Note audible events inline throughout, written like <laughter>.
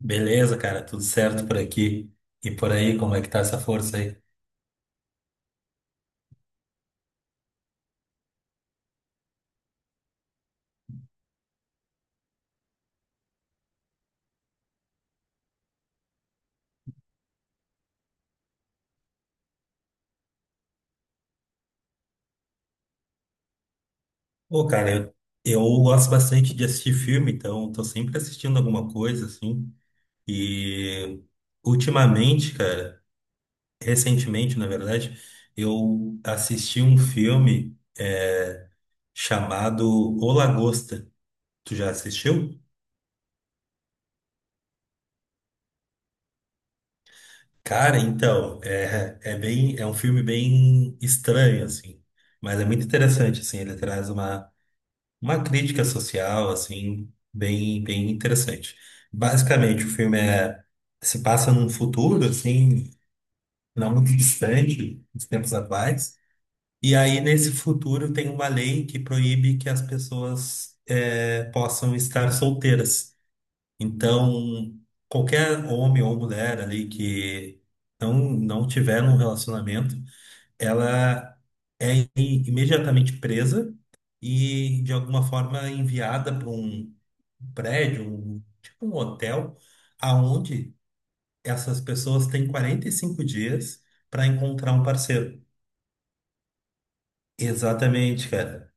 Beleza, cara, tudo certo por aqui. E por aí, como é que tá essa força aí? Pô, cara, eu gosto bastante de assistir filme, então tô sempre assistindo alguma coisa, assim. E ultimamente, cara, recentemente, na verdade, eu assisti um filme chamado O Lagosta. Tu já assistiu? Cara, então, é um filme bem estranho, assim, mas é muito interessante, assim, ele traz uma crítica social, assim, bem, bem interessante. Basicamente, o filme se passa num futuro, assim, não muito <laughs> distante dos tempos atuais. E aí, nesse futuro, tem uma lei que proíbe que as pessoas possam estar solteiras. Então, qualquer homem ou mulher ali que não, não tiver um relacionamento, ela é imediatamente presa e, de alguma forma, enviada para um prédio, tipo um hotel, aonde essas pessoas têm 45 dias para encontrar um parceiro. Exatamente, cara.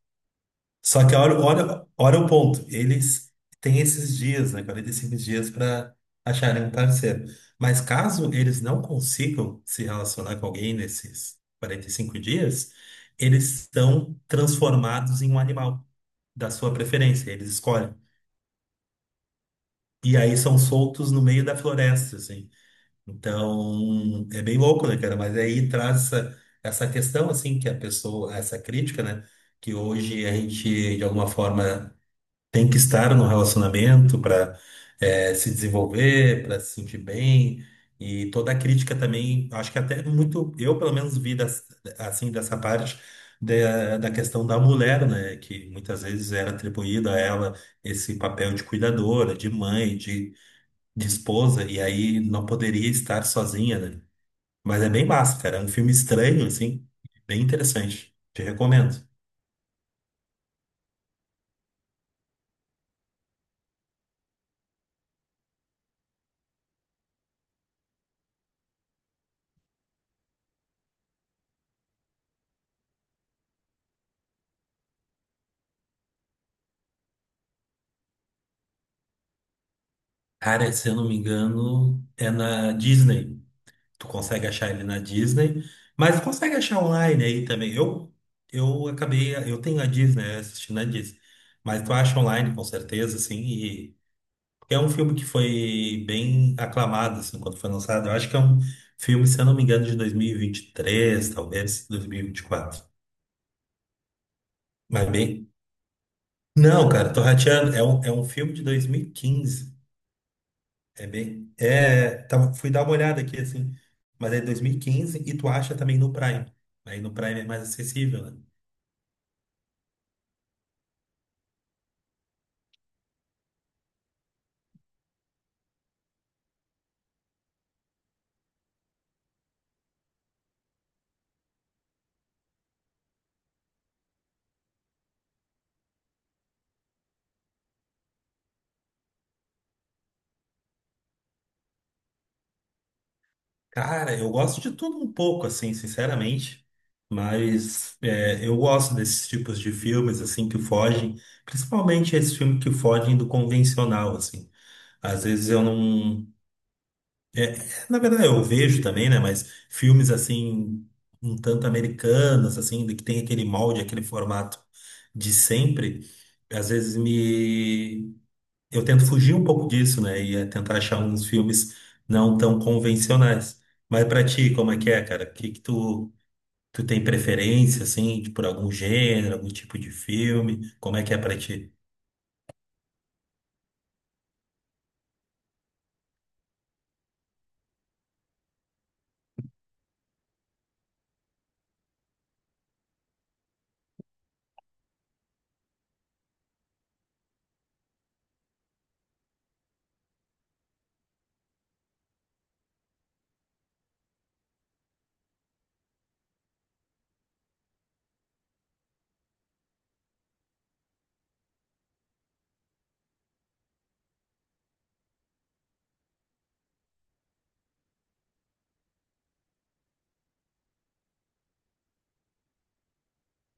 Só que olha, olha, olha o ponto. Eles têm esses dias, né? 45 dias para acharem um parceiro. Mas caso eles não consigam se relacionar com alguém nesses 45 dias, eles estão transformados em um animal da sua preferência. Eles escolhem. E aí são soltos no meio da floresta, assim. Então, é bem louco, né, cara? Mas aí traz essa questão, assim, que a pessoa, essa crítica, né? Que hoje a gente, de alguma forma, tem que estar no relacionamento para se desenvolver, para se sentir bem. E toda a crítica também, acho que até muito, eu pelo menos vi assim dessa parte da questão da mulher, né? Que muitas vezes era atribuído a ela esse papel de cuidadora, de mãe, de esposa, e aí não poderia estar sozinha, né? Mas é bem massa, cara. É um filme estranho, assim, bem interessante. Te recomendo. Cara, se eu não me engano, é na Disney. Tu consegue achar ele na Disney, mas consegue achar online aí também. Eu acabei, eu tenho a Disney, eu assisti na Disney, mas tu acha online com certeza, assim, e é um filme que foi bem aclamado, assim, quando foi lançado. Eu acho que é um filme, se eu não me engano, de 2023 talvez 2024. Mas bem. Não, cara, tô rateando. É um filme de 2015. É bem. É, tava, fui dar uma olhada aqui, assim. Mas é 2015 e quinze e tu acha também no Prime. Aí no Prime é mais acessível, né? Cara, eu gosto de tudo um pouco, assim, sinceramente. Mas eu gosto desses tipos de filmes, assim, que fogem. Principalmente esses filmes que fogem do convencional, assim. Às vezes eu não. É, na verdade, eu vejo também, né? Mas filmes assim, um tanto americanos, assim, que tem aquele molde, aquele formato de sempre, às vezes me. Eu tento fugir um pouco disso, né? E é tentar achar uns filmes não tão convencionais. Mas pra ti, como é que é, cara? O que que tu tem preferência, assim, por algum gênero, algum tipo de filme? Como é que é pra ti?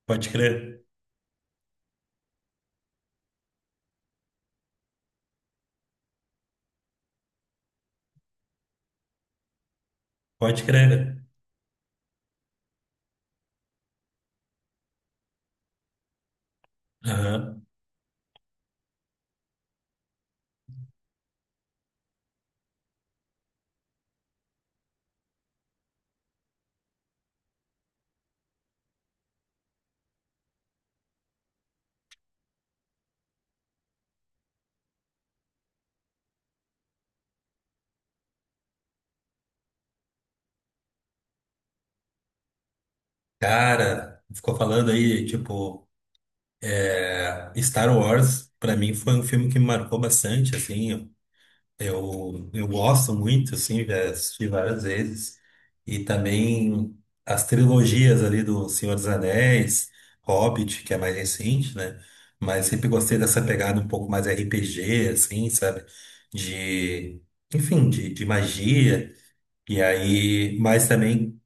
Pode crer, pode crer. Aham. Cara, ficou falando aí, tipo. É, Star Wars, para mim, foi um filme que me marcou bastante, assim, eu gosto muito, assim, já assisti várias vezes, e também as trilogias ali do Senhor dos Anéis, Hobbit, que é mais recente, né, mas sempre gostei dessa pegada um pouco mais RPG, assim, sabe, de, enfim, de magia, e aí, mas também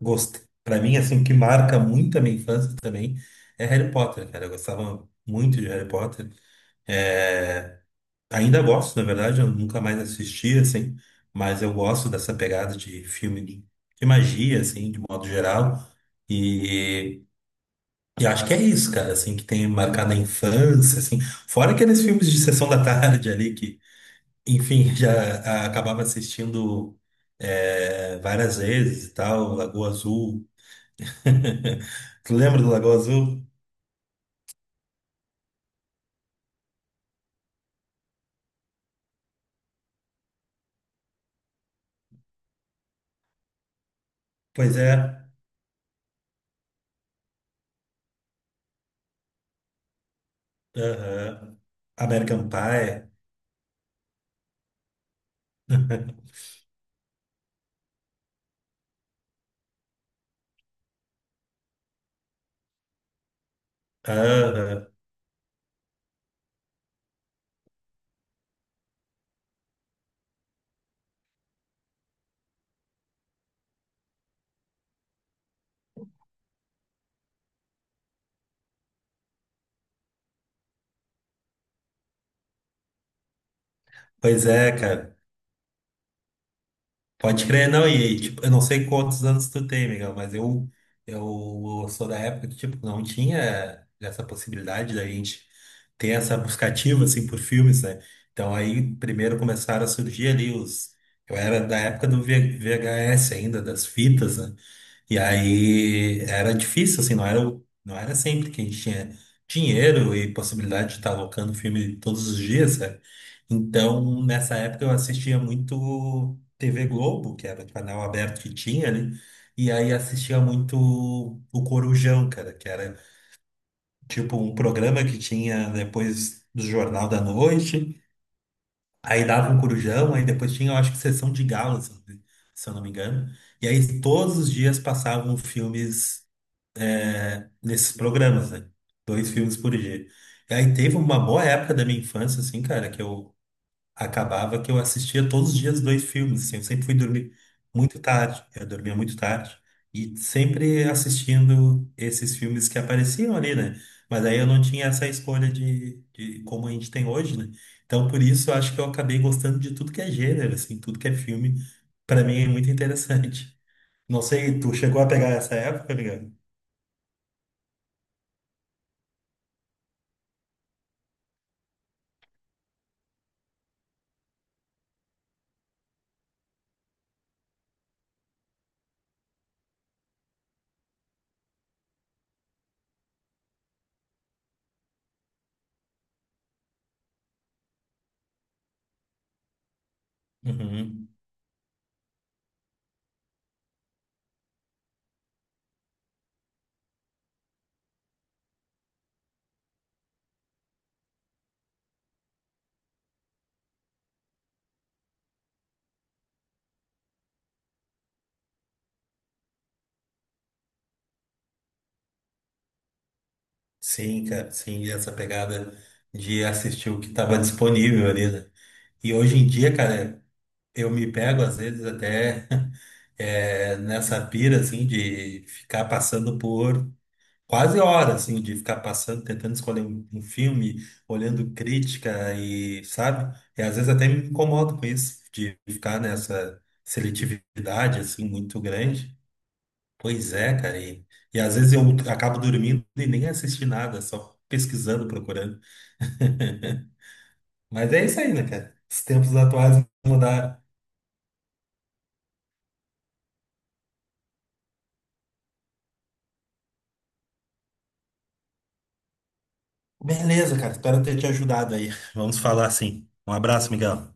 gosto. Para mim, assim, o que marca muito a minha infância também é Harry Potter, cara. Eu gostava muito de Harry Potter. É, ainda gosto, na verdade, eu nunca mais assisti, assim, mas eu gosto dessa pegada de filme de magia, assim, de modo geral. E, e acho que é isso, cara, assim, que tem marcado a infância, assim. Fora aqueles filmes de sessão da tarde ali que, enfim, <laughs> já ah, acabava assistindo é, várias vezes e tal, Lagoa Azul. <laughs> Tu lembra do Lagoa Azul? Pois é. Aham. American Pie. <laughs> Aham. Pois é, cara. Pode crer, não. E, tipo, eu não sei quantos anos tu tem, Miguel, mas eu sou da época que, tipo, não tinha essa possibilidade da gente ter essa buscativa, assim, por filmes, né? Então, aí, primeiro começaram a surgir ali os... Eu era da época do VHS ainda, das fitas, né? E aí era difícil, assim, não era, não era sempre que a gente tinha dinheiro e possibilidade de estar alocando filme todos os dias, sabe? Então, nessa época eu assistia muito TV Globo, que era o canal aberto que tinha ali, e aí assistia muito o Corujão, cara, que era tipo um programa que tinha depois do Jornal da Noite, aí dava um Corujão, aí depois tinha, eu acho que Sessão de Gala, se eu não me engano. E aí todos os dias passavam filmes nesses programas, né? Dois filmes por dia. E aí teve uma boa época da minha infância, assim, cara, que eu acabava que eu assistia todos os dias dois filmes, assim, eu sempre fui dormir muito tarde, eu dormia muito tarde, e sempre assistindo esses filmes que apareciam ali, né? Mas aí eu não tinha essa escolha de como a gente tem hoje, né? Então, por isso, eu acho que eu acabei gostando de tudo que é gênero, assim, tudo que é filme, pra mim é muito interessante. Não sei, tu chegou a pegar essa época, Miguel? Uhum. Sim, cara, sim, essa pegada de assistir o que estava disponível ali, né? E hoje em dia, cara, eu me pego às vezes até <laughs> nessa pira, assim, de ficar passando por quase hora, assim, de ficar passando, tentando escolher um filme, olhando crítica e, sabe? E às vezes até me incomodo com isso, de ficar nessa seletividade, assim, muito grande. Pois é, cara. E às vezes eu acabo dormindo e nem assisti nada, só pesquisando, procurando. <laughs> Mas é isso aí, né, cara? Os tempos atuais mudaram. Beleza, cara. Espero ter te ajudado aí. Vamos falar assim. Um abraço, Miguel.